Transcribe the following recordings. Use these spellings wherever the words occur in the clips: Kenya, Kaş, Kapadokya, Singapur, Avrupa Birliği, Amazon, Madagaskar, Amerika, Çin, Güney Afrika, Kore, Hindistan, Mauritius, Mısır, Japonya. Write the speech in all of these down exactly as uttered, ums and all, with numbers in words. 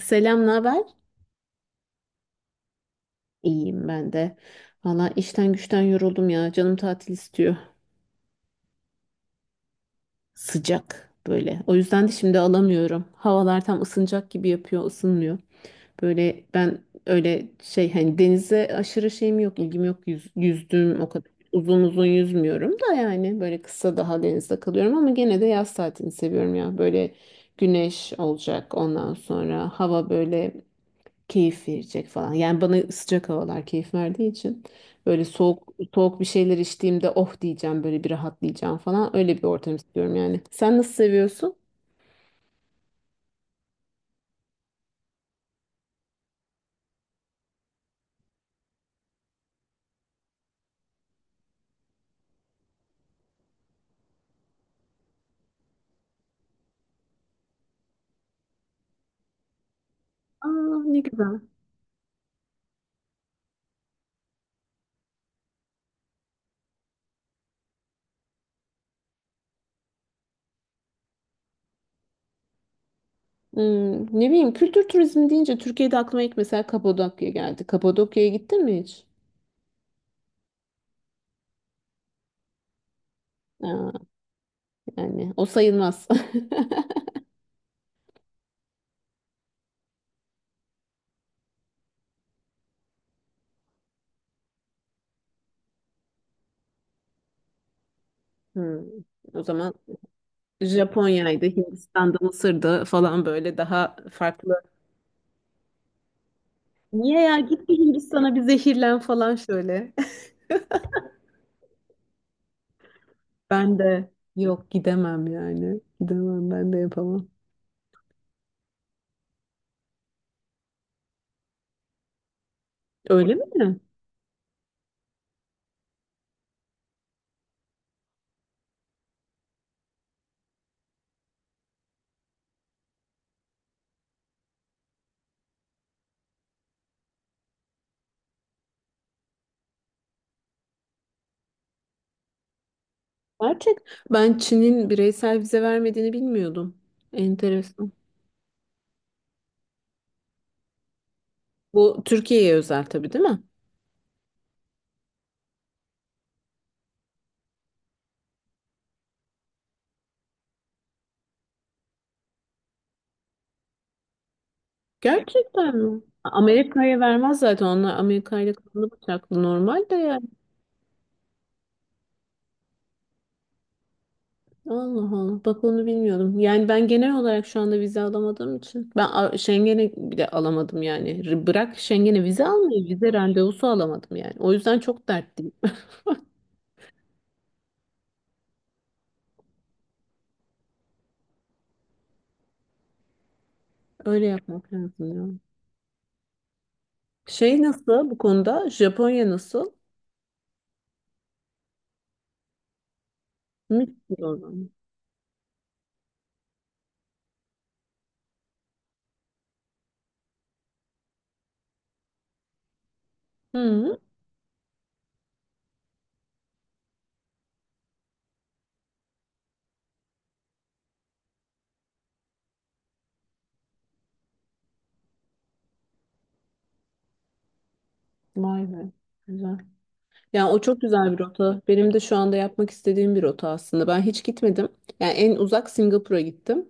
Selam, ne haber? İyiyim ben de. Valla işten güçten yoruldum ya. Canım tatil istiyor. Sıcak böyle. O yüzden de şimdi alamıyorum. Havalar tam ısınacak gibi yapıyor, ısınmıyor. Böyle ben öyle şey hani denize aşırı şeyim yok, ilgim yok. Yüz, yüzdüğüm o kadar uzun uzun yüzmüyorum da yani böyle kısa daha denizde kalıyorum ama gene de yaz tatilini seviyorum ya. Böyle güneş olacak, ondan sonra hava böyle keyif verecek falan. Yani bana sıcak havalar keyif verdiği için böyle soğuk soğuk bir şeyler içtiğimde oh diyeceğim, böyle bir rahatlayacağım falan, öyle bir ortam istiyorum yani. Sen nasıl seviyorsun? Aa, ne güzel. Hmm, ne bileyim, kültür turizmi deyince Türkiye'de aklıma ilk mesela Kapadokya geldi. Kapadokya'ya gittin mi hiç? Aa, yani o sayılmaz. Hmm, o zaman Japonya'ydı, Hindistan'da, Mısır'da falan, böyle daha farklı. Niye ya, git bir Hindistan'a bir zehirlen falan şöyle. Ben de yok, gidemem yani. Gidemem, ben de yapamam. Öyle mi? Gerçek. Ben Çin'in bireysel vize vermediğini bilmiyordum. Enteresan. Bu Türkiye'ye özel tabii, değil mi? Gerçekten mi? Amerika'ya vermez zaten, onlar Amerika ile kanlı bıçaklı normal de yani. Allah Allah, bak onu bilmiyordum. Yani ben genel olarak şu anda vize alamadığım için ben A- Schengen'e bile alamadım yani. R- Bırak Schengen'e vize almayı, vize randevusu alamadım yani. O yüzden çok dertliyim. Öyle yapmak lazım ya. Şey nasıl bu konuda? Japonya nasıl? Mis gibi oradan. Hı, vay be. Güzel. Yani o çok güzel bir rota. Benim de şu anda yapmak istediğim bir rota aslında. Ben hiç gitmedim. Yani en uzak Singapur'a gittim.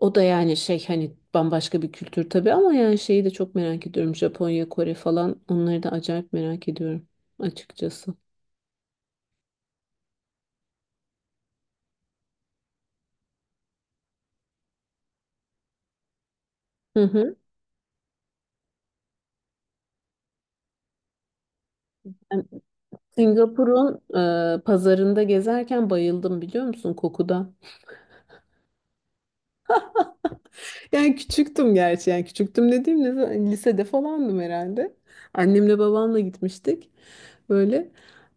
O da yani şey hani bambaşka bir kültür tabii ama yani şeyi de çok merak ediyorum. Japonya, Kore falan, onları da acayip merak ediyorum açıkçası. Hı hı. Yani Singapur'un e, pazarında gezerken bayıldım, biliyor musun, kokuda? Yani küçüktüm gerçi. Yani küçüktüm dediğim ne zaman- lisede falandım herhalde. Annemle babamla gitmiştik. Böyle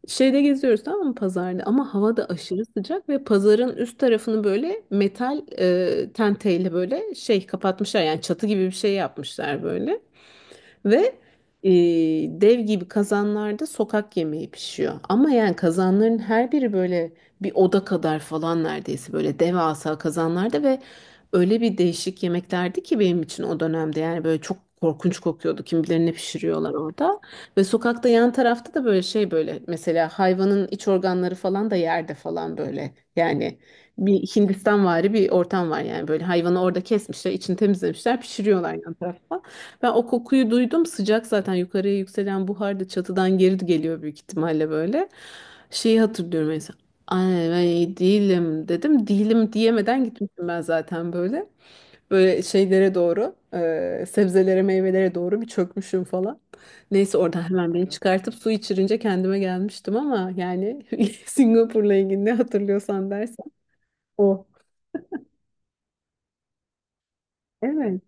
şeyde geziyoruz tamam mı, pazarda, ama hava da aşırı sıcak ve pazarın üst tarafını böyle metal e, tenteyle böyle şey kapatmışlar, yani çatı gibi bir şey yapmışlar böyle. Ve e, dev gibi kazanlarda sokak yemeği pişiyor. Ama yani kazanların her biri böyle bir oda kadar falan neredeyse, böyle devasa kazanlarda ve öyle bir değişik yemeklerdi ki benim için o dönemde, yani böyle çok korkunç kokuyordu. Kim bilir ne pişiriyorlar orada. Ve sokakta yan tarafta da böyle şey, böyle mesela hayvanın iç organları falan da yerde falan böyle. Yani bir Hindistanvari bir ortam var, yani böyle hayvanı orada kesmişler, içini temizlemişler, pişiriyorlar yan tarafta. Ben o kokuyu duydum. Sıcak zaten, yukarıya yükselen buhar da çatıdan geri geliyor büyük ihtimalle böyle. Şeyi hatırlıyorum mesela. Ay ben iyi değilim dedim. Değilim diyemeden gitmişim ben zaten böyle. Böyle şeylere doğru, e, sebzelere, meyvelere doğru bir çökmüşüm falan. Neyse oradan hemen beni çıkartıp su içirince kendime gelmiştim ama yani Singapur'la ilgili ne hatırlıyorsan dersen o. Evet.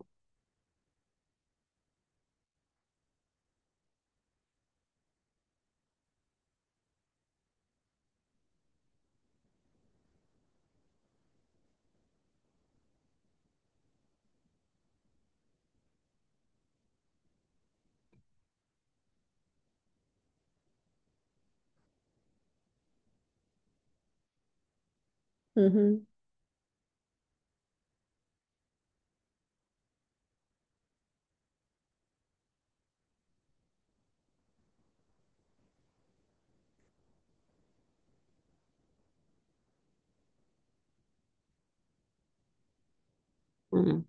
Hı hı.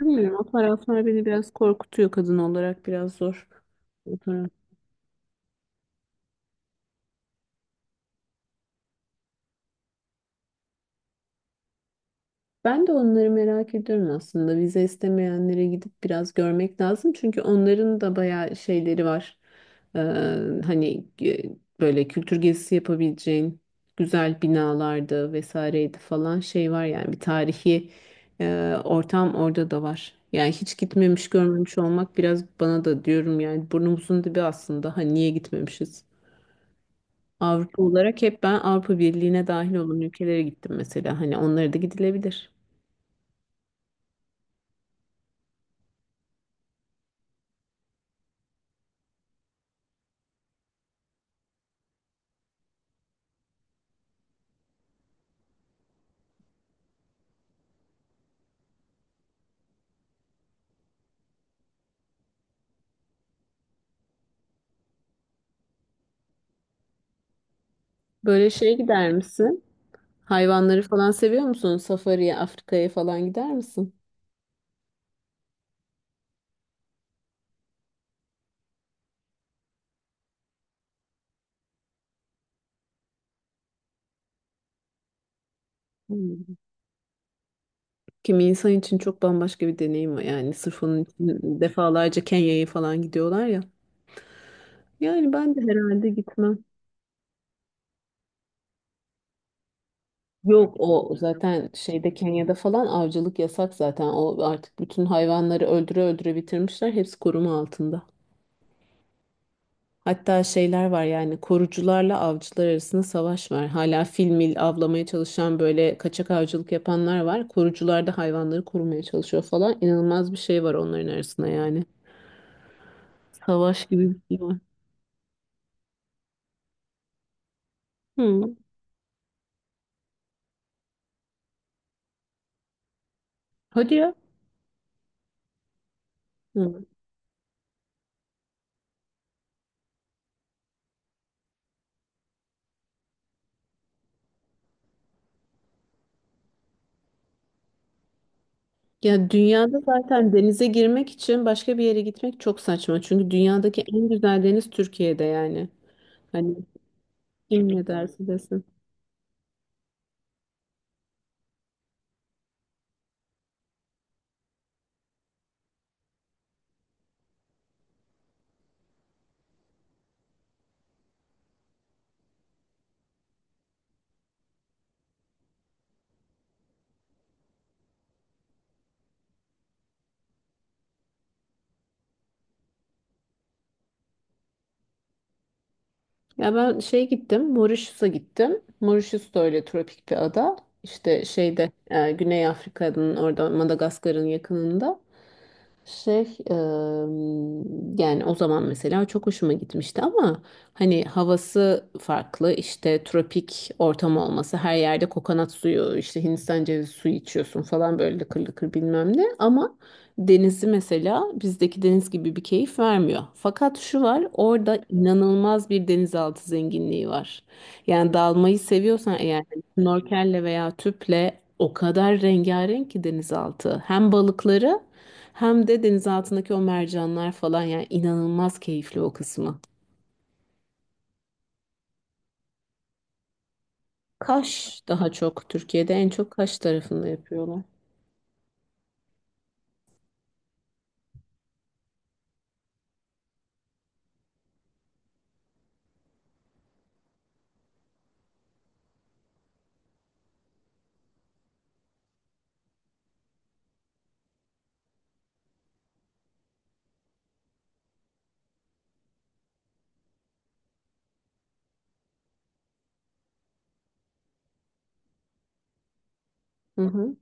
Bilmiyorum, o taraflar beni biraz korkutuyor, kadın olarak biraz zor. O taraf. Ben de onları merak ediyorum aslında. Vize istemeyenlere gidip biraz görmek lazım. Çünkü onların da bayağı şeyleri var. Ee, hani e, böyle kültür gezisi yapabileceğin güzel binalardı, vesaireydi falan, şey var yani, bir tarihi e, ortam orada da var. Yani hiç gitmemiş görmemiş olmak, biraz bana da diyorum yani, burnumuzun dibi aslında. Hani niye gitmemişiz? Avrupa olarak hep ben Avrupa Birliği'ne dahil olan ülkelere gittim mesela. Hani onlara da gidilebilir. Böyle şeye gider misin? Hayvanları falan seviyor musun? Safari'ye, Afrika'ya falan gider misin? Hmm. Kimi insan için çok bambaşka bir deneyim var. Yani sırf onun için defalarca Kenya'ya falan gidiyorlar ya. Yani ben de herhalde gitmem. Yok, o zaten şeyde Kenya'da falan avcılık yasak zaten. O artık bütün hayvanları öldüre öldüre bitirmişler. Hepsi koruma altında. Hatta şeyler var yani, korucularla avcılar arasında savaş var. Hala fil mil avlamaya çalışan, böyle kaçak avcılık yapanlar var. Korucular da hayvanları korumaya çalışıyor falan. İnanılmaz bir şey var onların arasında yani. Savaş gibi bir şey var. Hı. Hadi ya. Hı. Ya dünyada zaten denize girmek için başka bir yere gitmek çok saçma. Çünkü dünyadaki en güzel deniz Türkiye'de yani. Hani kim ne derse desin. Ya ben şey gittim, Mauritius'a gittim. Mauritius da öyle tropik bir ada. İşte şeyde e, Güney Afrika'nın orada, Madagaskar'ın yakınında. Şey, eee, yani o zaman mesela çok hoşuma gitmişti ama hani havası farklı, işte tropik ortam olması, her yerde kokonat suyu, işte Hindistan cevizi suyu içiyorsun falan, böyle lıkır lıkır bilmem ne, ama denizi mesela bizdeki deniz gibi bir keyif vermiyor. Fakat şu var, orada inanılmaz bir denizaltı zenginliği var. Yani dalmayı seviyorsan eğer, snorkelle veya tüple o kadar rengarenk ki denizaltı. Hem balıkları hem de denizaltındaki o mercanlar falan, yani inanılmaz keyifli o kısmı. Kaş, daha çok Türkiye'de en çok Kaş tarafında yapıyorlar. Hı hı.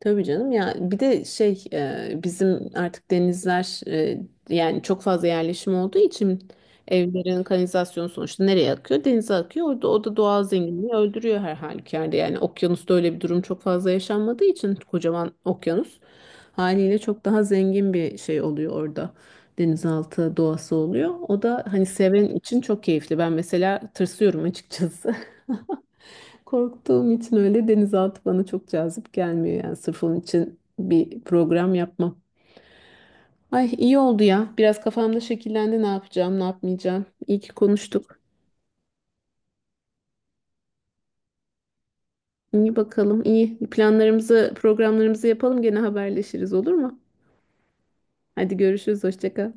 Tabii canım ya, bir de şey, e, bizim artık denizler, e, yani çok fazla yerleşim olduğu için evlerin kanalizasyonu sonuçta nereye akıyor? Denize akıyor. Orada o da doğal zenginliği öldürüyor her halükarda. Yani okyanusta öyle bir durum çok fazla yaşanmadığı için, kocaman okyanus haliyle çok daha zengin bir şey oluyor orada. Denizaltı doğası oluyor. O da hani seven için çok keyifli. Ben mesela tırsıyorum açıkçası. Korktuğum için öyle denizaltı bana çok cazip gelmiyor, yani sırf onun için bir program yapmam. Ay iyi oldu ya. Biraz kafamda şekillendi, ne yapacağım, ne yapmayacağım. İyi ki konuştuk. İyi bakalım, iyi. Planlarımızı, programlarımızı yapalım, gene haberleşiriz, olur mu? Hadi görüşürüz, hoşça kal.